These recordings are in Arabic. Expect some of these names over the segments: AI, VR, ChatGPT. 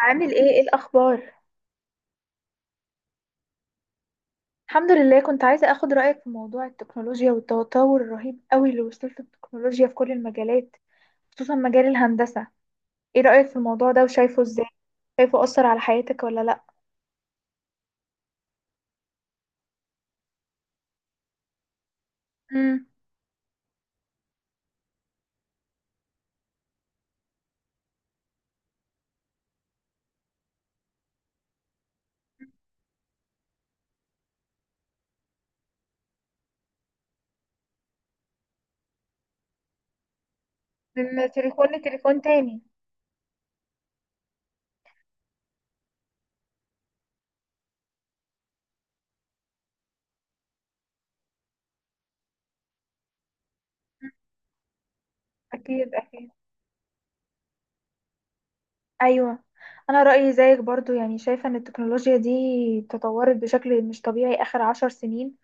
عامل ايه، ايه الاخبار؟ الحمد لله. كنت عايزه اخد رايك في موضوع التكنولوجيا والتطور الرهيب قوي اللي وصلت له التكنولوجيا في كل المجالات، خصوصا مجال الهندسه. ايه رايك في الموضوع ده وشايفه ازاي؟ شايفه اثر على حياتك ولا لا؟ امم من تليفون لتليفون تاني. مم. اكيد اكيد. ايوه، انا رايي زيك برضو، يعني شايفه ان التكنولوجيا دي تطورت بشكل مش طبيعي اخر 10 سنين،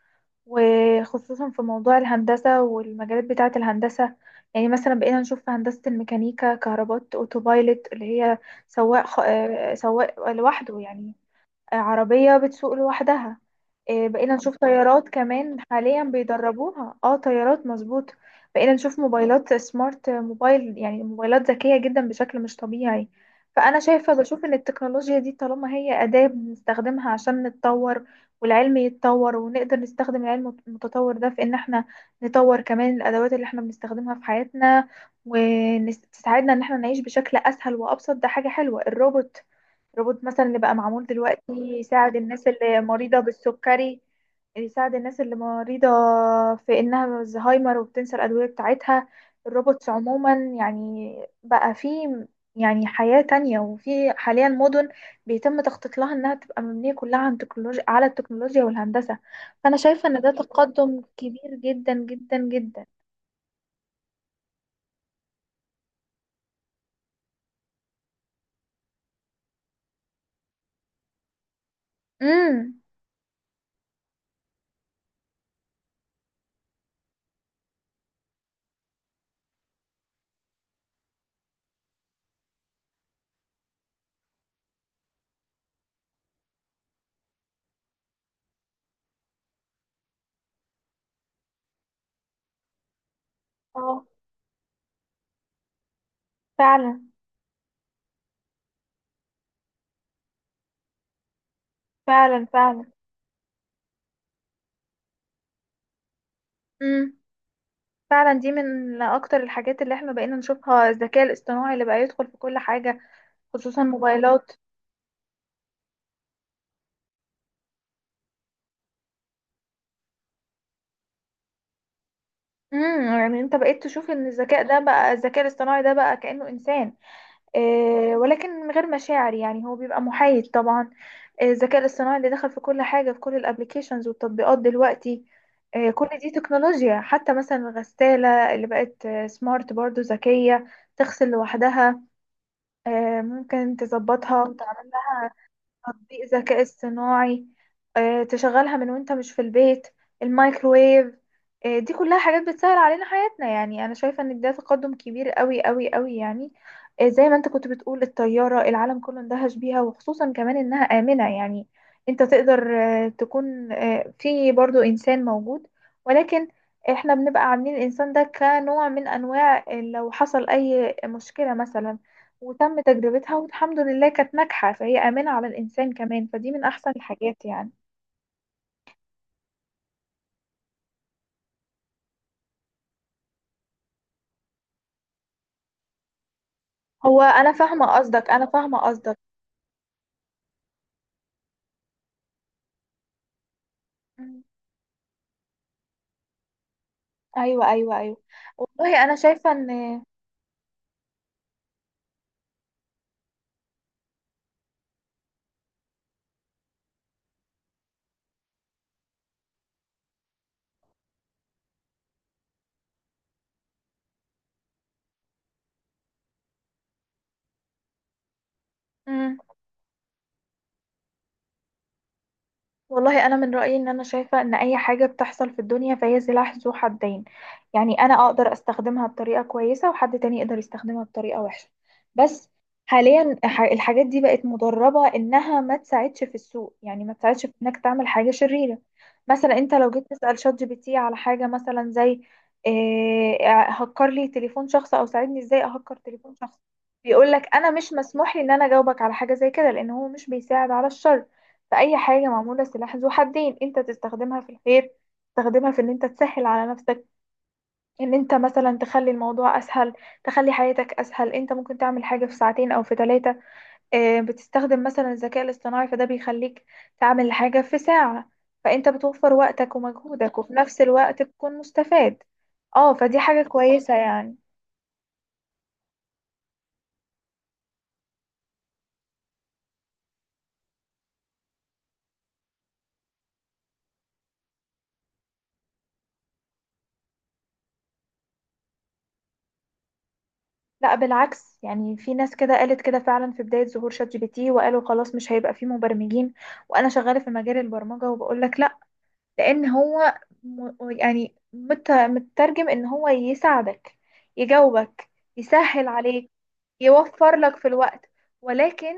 وخصوصا في موضوع الهندسة والمجالات بتاعة الهندسة. يعني مثلا بقينا نشوف في هندسة الميكانيكا كهربات اوتوبايلوت، اللي هي سواق لوحده يعني. عربية بتسوق لوحدها. بقينا نشوف طيارات كمان حاليا بيدربوها، اه طيارات مظبوط. بقينا نشوف موبايلات سمارت، موبايلات ذكية جدا بشكل مش طبيعي. فأنا شايفة إن التكنولوجيا دي طالما هي أداة بنستخدمها عشان نتطور، والعلم يتطور ونقدر نستخدم العلم المتطور ده في إن احنا نطور كمان الأدوات اللي احنا بنستخدمها في حياتنا، وتساعدنا إن احنا نعيش بشكل أسهل وأبسط. ده حاجة حلوة، روبوت مثلا اللي بقى معمول دلوقتي يساعد الناس اللي مريضة بالسكري. يساعد الناس اللي مريضة في إنها الزهايمر وبتنسى الأدوية بتاعتها، الروبوتس عموما. يعني بقى في يعني حياة تانية، وفي حاليا مدن بيتم تخطيط لها إنها تبقى مبنية كلها عن تكنولوجيا على التكنولوجيا والهندسة. فأنا شايفة إن ده تقدم كبير جدا جدا جدا. امم اه فعلا فعلا فعلا. امم فعلا دي من اكتر الحاجات اللي احنا بقينا نشوفها، الذكاء الاصطناعي اللي بقى يدخل في كل حاجة، خصوصا موبايلات. يعني انت بقيت تشوف ان الذكاء الاصطناعي ده بقى كأنه انسان إيه، ولكن من غير مشاعر. يعني هو بيبقى محايد طبعا. الذكاء الاصطناعي اللي دخل في كل حاجة، في كل الابليكيشنز والتطبيقات دلوقتي. كل دي تكنولوجيا. حتى مثلا الغسالة اللي بقت سمارت، برضو ذكية، تغسل لوحدها. ممكن تظبطها وتعمل تطبيق ذكاء اصطناعي، تشغلها من وانت مش في البيت. الميكروويف، دي كلها حاجات بتسهل علينا حياتنا. يعني انا شايفة ان ده تقدم كبير قوي قوي قوي يعني. زي ما انت كنت بتقول، الطيارة العالم كله اندهش بيها. وخصوصا كمان انها آمنة، يعني انت تقدر تكون في برضو انسان موجود، ولكن احنا بنبقى عاملين الانسان ده كنوع من انواع لو حصل اي مشكلة مثلا. وتم تجربتها والحمد لله كانت ناجحة، فهي آمنة على الإنسان كمان، فدي من أحسن الحاجات يعني. هو أنا فاهمة قصدك، أنا فاهمة قصدك. مم. أيوة أيوة أيوة. والله أنا شايفة إن، مم، والله انا من رايي ان انا شايفه ان اي حاجه بتحصل في الدنيا فهي سلاح ذو حدين. يعني انا اقدر استخدمها بطريقه كويسه، وحد تاني يقدر يستخدمها بطريقه وحشه. بس حاليا الحاجات دي بقت مدربه انها ما تساعدش في السوق، يعني ما تساعدش في انك تعمل حاجه شريره. مثلا انت لو جيت تسال شات جي بي تي على حاجه، مثلا زي إيه، هكر لي تليفون شخص او ساعدني ازاي اهكر تليفون شخص، بيقول لك انا مش مسموح لي ان انا اجاوبك على حاجه زي كده، لان هو مش بيساعد على الشر. فأي حاجة معمولة سلاح ذو حدين، انت تستخدمها في الخير، تستخدمها في ان انت تسهل على نفسك، ان انت مثلا تخلي الموضوع اسهل، تخلي حياتك اسهل. انت ممكن تعمل حاجة في ساعتين او في ثلاثة، بتستخدم مثلا الذكاء الاصطناعي فده بيخليك تعمل حاجة في ساعة. فانت بتوفر وقتك ومجهودك، وفي نفس الوقت بتكون مستفاد. اه فدي حاجة كويسة يعني. لا بالعكس، يعني في ناس كده قالت كده فعلا في بداية ظهور شات جي بي تي، وقالوا خلاص مش هيبقى فيه مبرمجين. وانا شغالة في مجال البرمجة وبقول لك، لان هو مترجم ان هو يساعدك، يجاوبك، يسهل عليك، يوفر لك في الوقت، ولكن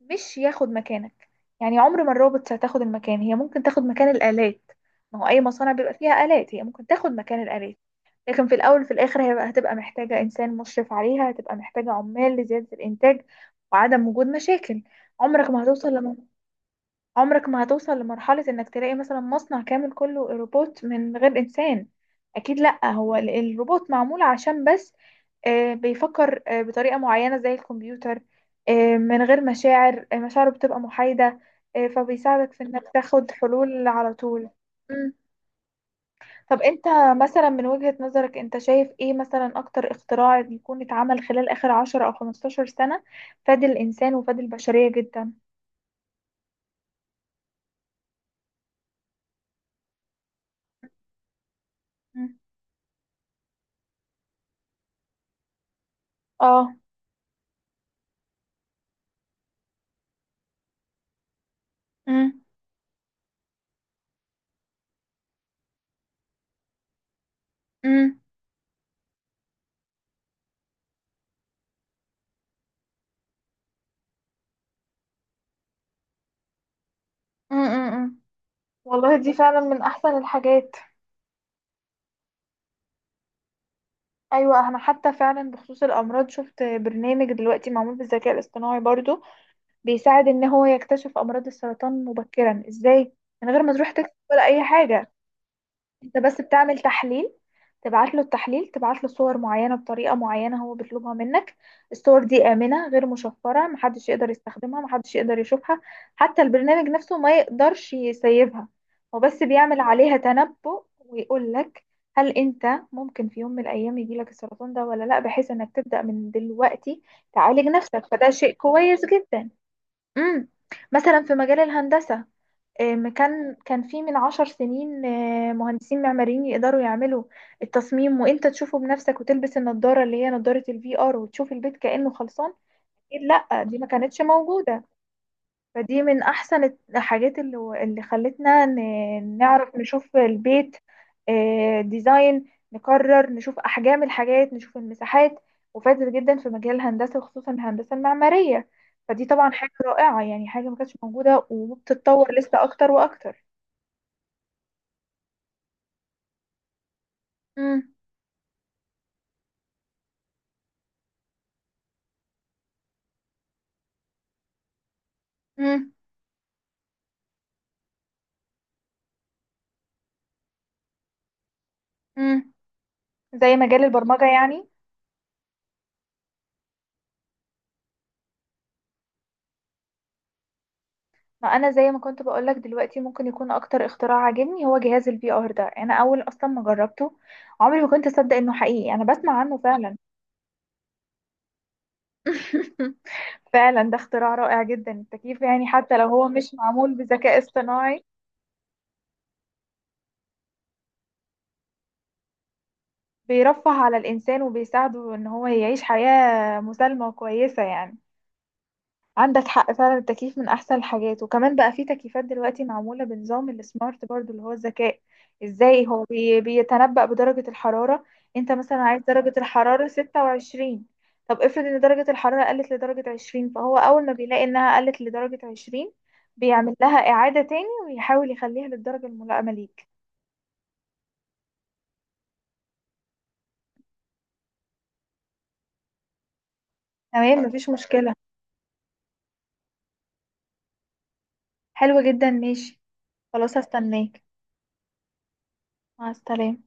مش ياخد مكانك. يعني عمر ما الروبوتس هتاخد المكان، هي ممكن تاخد مكان الآلات. ما هو اي مصانع بيبقى فيها آلات، هي ممكن تاخد مكان الآلات. لكن في الاول في الاخر هي هتبقى محتاجة انسان مشرف عليها، هتبقى محتاجة عمال لزيادة الانتاج وعدم وجود مشاكل. عمرك ما هتوصل، عمرك ما هتوصل لمرحلة انك تلاقي مثلا مصنع كامل كله روبوت من غير انسان. اكيد لا، هو الروبوت معمول عشان بس بيفكر بطريقة معينة زي الكمبيوتر، من غير مشاعر، مشاعره بتبقى محايدة، فبيساعدك في انك تاخد حلول على طول. مم. طب انت مثلا من وجهة نظرك انت شايف ايه مثلا اكتر اختراع يكون اتعمل خلال اخر 10 او 15 سنة فاد الانسان وفاد البشرية جدا؟ مم. اه. مم. مم. امم والله دي فعلا من احسن الحاجات. ايوه انا حتى فعلا بخصوص الامراض شفت برنامج دلوقتي معمول بالذكاء الاصطناعي برضو، بيساعد ان هو يكتشف امراض السرطان مبكرا ازاي، من غير ما تروح تكتب ولا اي حاجه. انت بس بتعمل تحليل، تبعت له التحليل، تبعت له صور معينة بطريقة معينة هو بيطلبها منك. الصور دي آمنة غير مشفرة، محدش يقدر يستخدمها، محدش يقدر يشوفها، حتى البرنامج نفسه ما يقدرش يسيبها. هو بس بيعمل عليها تنبؤ ويقول لك هل انت ممكن في يوم من الايام يجيلك السرطان ده ولا لا، بحيث انك تبدأ من دلوقتي تعالج نفسك. فده شيء كويس جدا. امم مثلا في مجال الهندسة، كان كان في من 10 سنين مهندسين معماريين يقدروا يعملوا التصميم وانت تشوفه بنفسك، وتلبس النضارة اللي هي نضارة الفي ار وتشوف البيت كأنه خلصان. أكيد لا، دي ما كانتش موجودة. فدي من احسن الحاجات اللي خلتنا نعرف نشوف البيت، ديزاين، نقرر، نشوف احجام الحاجات، نشوف المساحات. وفادت جدا في مجال الهندسة، وخصوصا الهندسة المعمارية. فدي طبعا حاجة رائعة يعني، حاجة ما كانتش موجودة وبتتطور لسه اكتر واكتر. مم. مم. مم. زي مجال البرمجة يعني. ما انا زي ما كنت بقولك دلوقتي، ممكن يكون اكتر اختراع عاجبني هو جهاز الفي ار ده. انا اول اصلا ما جربته، عمري ما كنت اصدق انه حقيقي، انا بسمع عنه فعلا. فعلا ده اختراع رائع جدا، التكييف، يعني حتى لو هو مش معمول بذكاء اصطناعي، بيرفه على الانسان وبيساعده ان هو يعيش حياة مسالمة وكويسة يعني. عندك حق فعلا، التكييف من احسن الحاجات. وكمان بقى في تكييفات دلوقتي معموله بنظام السمارت برضو، اللي هو الذكاء، ازاي هو بيتنبأ بدرجه الحراره. انت مثلا عايز درجه الحراره 26. طب افرض ان درجه الحراره قلت لدرجه 20، فهو اول ما بيلاقي انها قلت لدرجه 20، بيعمل لها اعاده تاني ويحاول يخليها للدرجه الملائمه ليك. تمام مفيش مشكله. حلو جدا، ماشي. خلاص هستناك. مع السلامه.